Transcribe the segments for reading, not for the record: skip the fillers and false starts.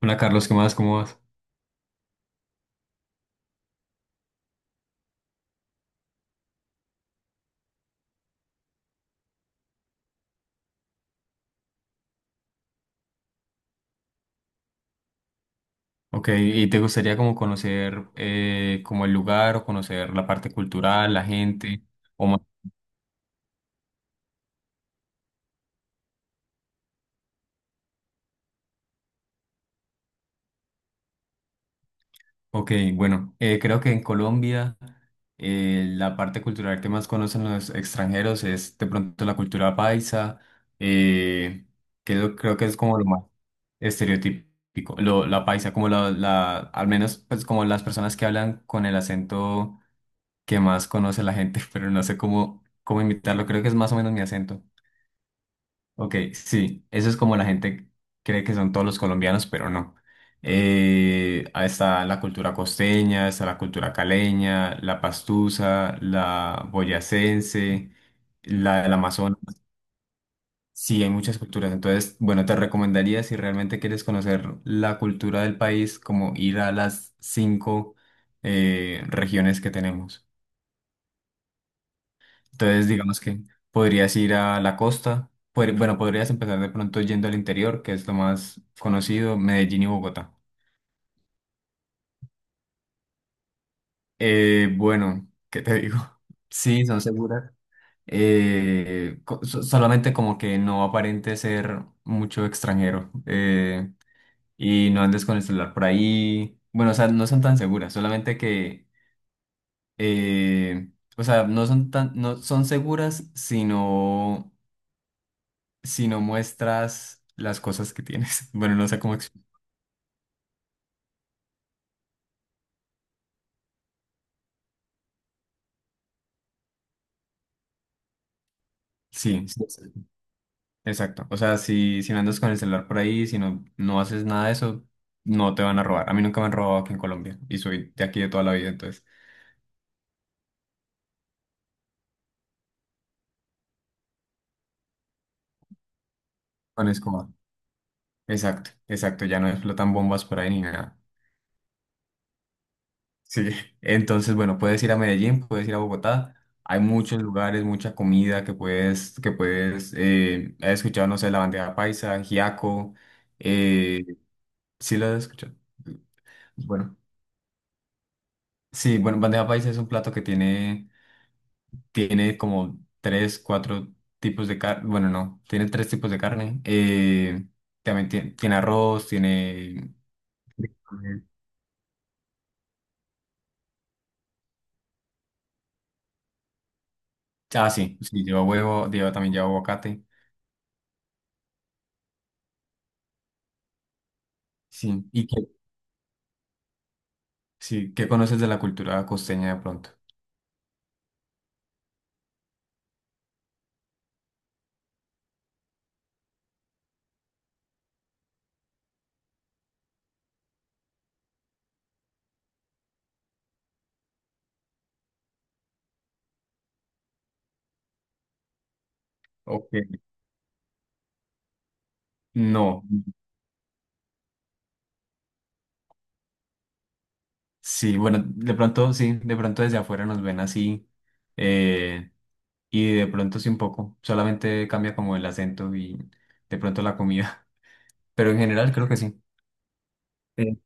Hola Carlos, ¿qué más? ¿Cómo vas? Ok, ¿y te gustaría como conocer como el lugar o conocer la parte cultural, la gente? ¿O más? Ok, bueno, creo que en Colombia la parte cultural que más conocen los extranjeros es de pronto la cultura paisa, eh, creo que es como lo más estereotípico, la paisa, como la, al menos pues como las personas que hablan con el acento que más conoce la gente, pero no sé cómo, cómo imitarlo, creo que es más o menos mi acento. Ok, sí, eso es como la gente cree que son todos los colombianos, pero no. Ahí está la cultura costeña, está la cultura caleña, la pastusa, la boyacense, la del Amazonas. Sí, hay muchas culturas. Entonces, bueno, te recomendaría si realmente quieres conocer la cultura del país, como ir a las cinco regiones que tenemos. Entonces, digamos que podrías ir a la costa, bueno, podrías empezar de pronto yendo al interior, que es lo más conocido, Medellín y Bogotá. Bueno, ¿qué te digo? Sí, son seguras. Solamente como que no aparente ser mucho extranjero y no andes con el celular por ahí. Bueno, o sea, no son tan seguras, solamente que, eh, o sea, no son seguras, sino si no muestras las cosas que tienes. Bueno, no sé cómo... ex- Sí, sí, sí, exacto. O sea, si no andas con el celular por ahí, si no, no haces nada de eso, no te van a robar. A mí nunca me han robado aquí en Colombia y soy de aquí de toda la vida, entonces... Con escoba. Exacto, exacto. Ya no explotan bombas por ahí ni nada. Sí. Entonces, bueno, puedes ir a Medellín, puedes ir a Bogotá. Hay muchos lugares, mucha comida que puedes, he escuchado, no sé, la bandeja paisa, giaco, eh, sí lo he escuchado. Bueno, sí, bueno, bandeja paisa es un plato que tiene, tiene como tres, cuatro tipos de carne. Bueno, no, tiene tres tipos de carne. Tiene arroz, tiene... Ah, sí, sí, lleva huevo, lleva, también lleva aguacate. Sí, sí, ¿qué conoces de la cultura costeña de pronto? Ok. No, sí, bueno, de pronto desde afuera nos ven así. eh, y de pronto sí un poco, solamente cambia como el acento y de pronto la comida. Pero en general creo que sí. Sí.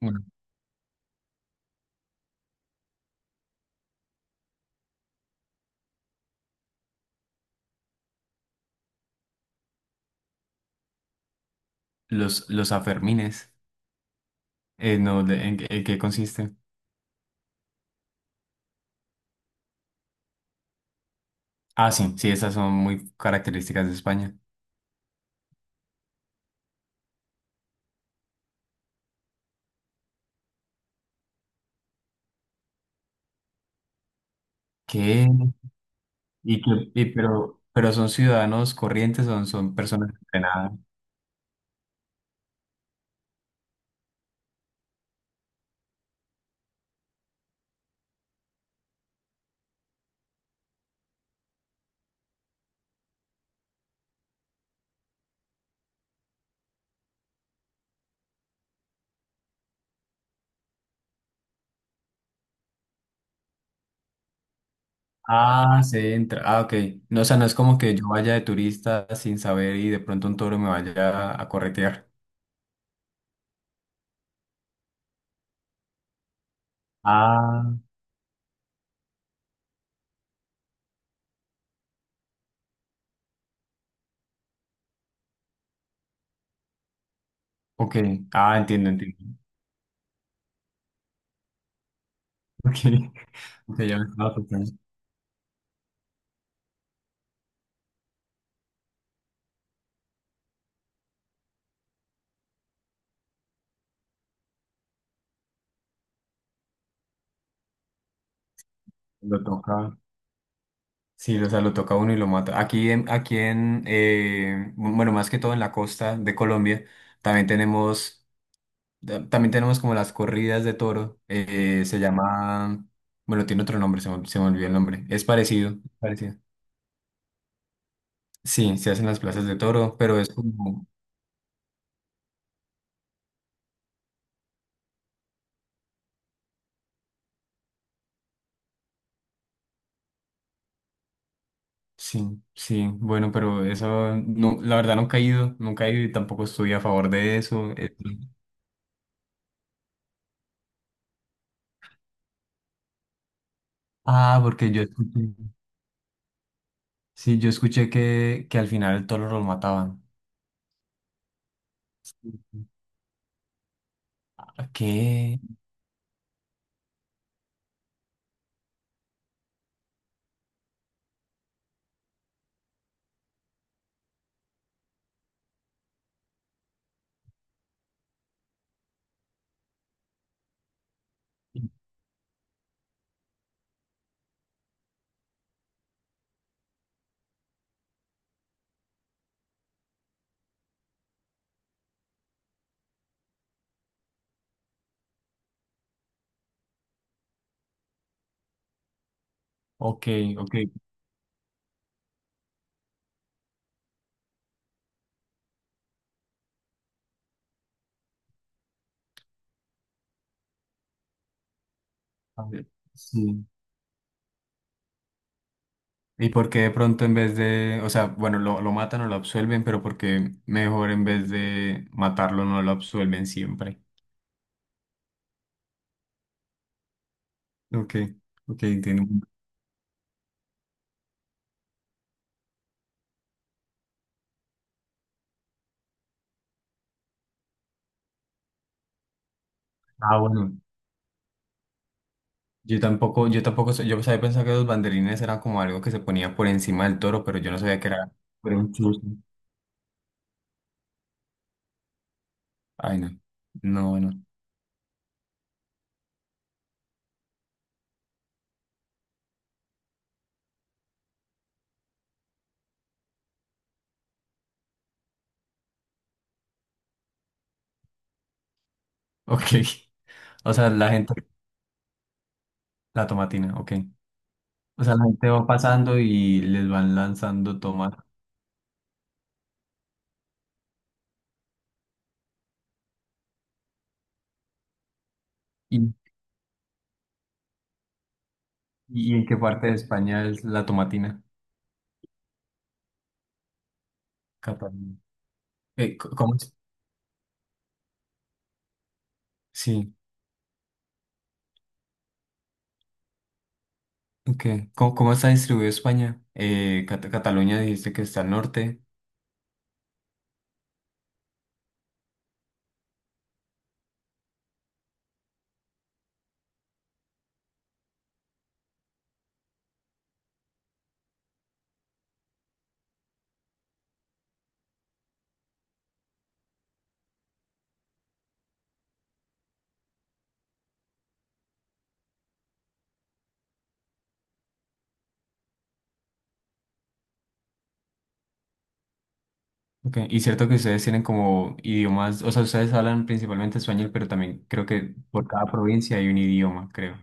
Bueno, los afermines, no, en qué consiste? Ah, sí, sí, esas son muy características de España. ¿Qué? ¿Y qué? Pero son ciudadanos corrientes, son personas entrenadas. Ah, se entra. Ah, ok. No, o sea, no es como que yo vaya de turista sin saber y de pronto un toro me vaya a corretear. Ah, ok. Ah, entiendo, entiendo. Ok, ok, ya me estaba asustando. Lo toca. Sí, o sea, lo toca a uno y lo mata. Aquí en bueno, más que todo en la costa de Colombia, también tenemos, también tenemos como las corridas de toro. Eh, se llama, bueno, tiene otro nombre, se me olvidó el nombre. Es parecido, parecido. Sí, se hacen las plazas de toro, pero es como, sí, sí, bueno, pero eso, no, la verdad nunca he ido, nunca he ido y tampoco estoy a favor de eso. Eh, ah, porque yo escuché, sí, yo escuché que al final el toro lo mataban. ¿Qué? Ok, ok. A ver, sí. ¿Y por qué de pronto en vez de, o sea, bueno, lo matan o lo absuelven, pero por qué mejor en vez de matarlo no lo absuelven siempre? Ok, ok, entiendo. Ah, bueno. Yo tampoco, sé- yo sabía pensar que los banderines eran como algo que se ponía por encima del toro, pero yo no sabía que era, era un chuzo. Ay, no. No, bueno. Ok. O sea, la gente, la tomatina, ok. O sea, la gente va pasando y les van lanzando tomas. ¿Y en qué parte de España es la tomatina? Cataluña. ¿Cómo es? Sí, ok. ¿Cómo, cómo está distribuido España? Cataluña dijiste que está al norte. Ok. Y cierto que ustedes tienen como idiomas, o sea, ustedes hablan principalmente español, pero también creo que por cada provincia hay un idioma, creo.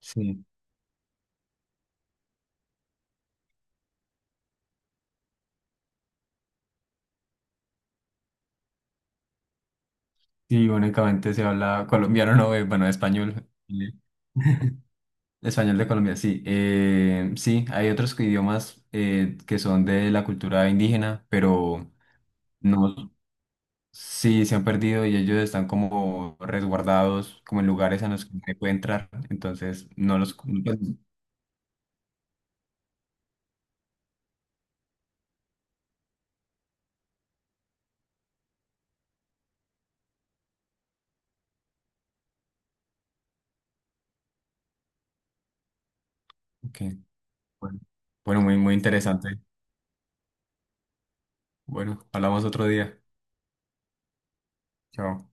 Sí. Sí, únicamente se habla colombiano, no, bueno, español. Sí. Español de Colombia, sí. Sí, hay otros idiomas que son de la cultura indígena, pero no. Sí, se han perdido y ellos están como resguardados, como en lugares a los que no se puede entrar. Entonces, no los... pues, ok, bueno, bueno, muy, muy interesante. Bueno, hablamos otro día. Chao.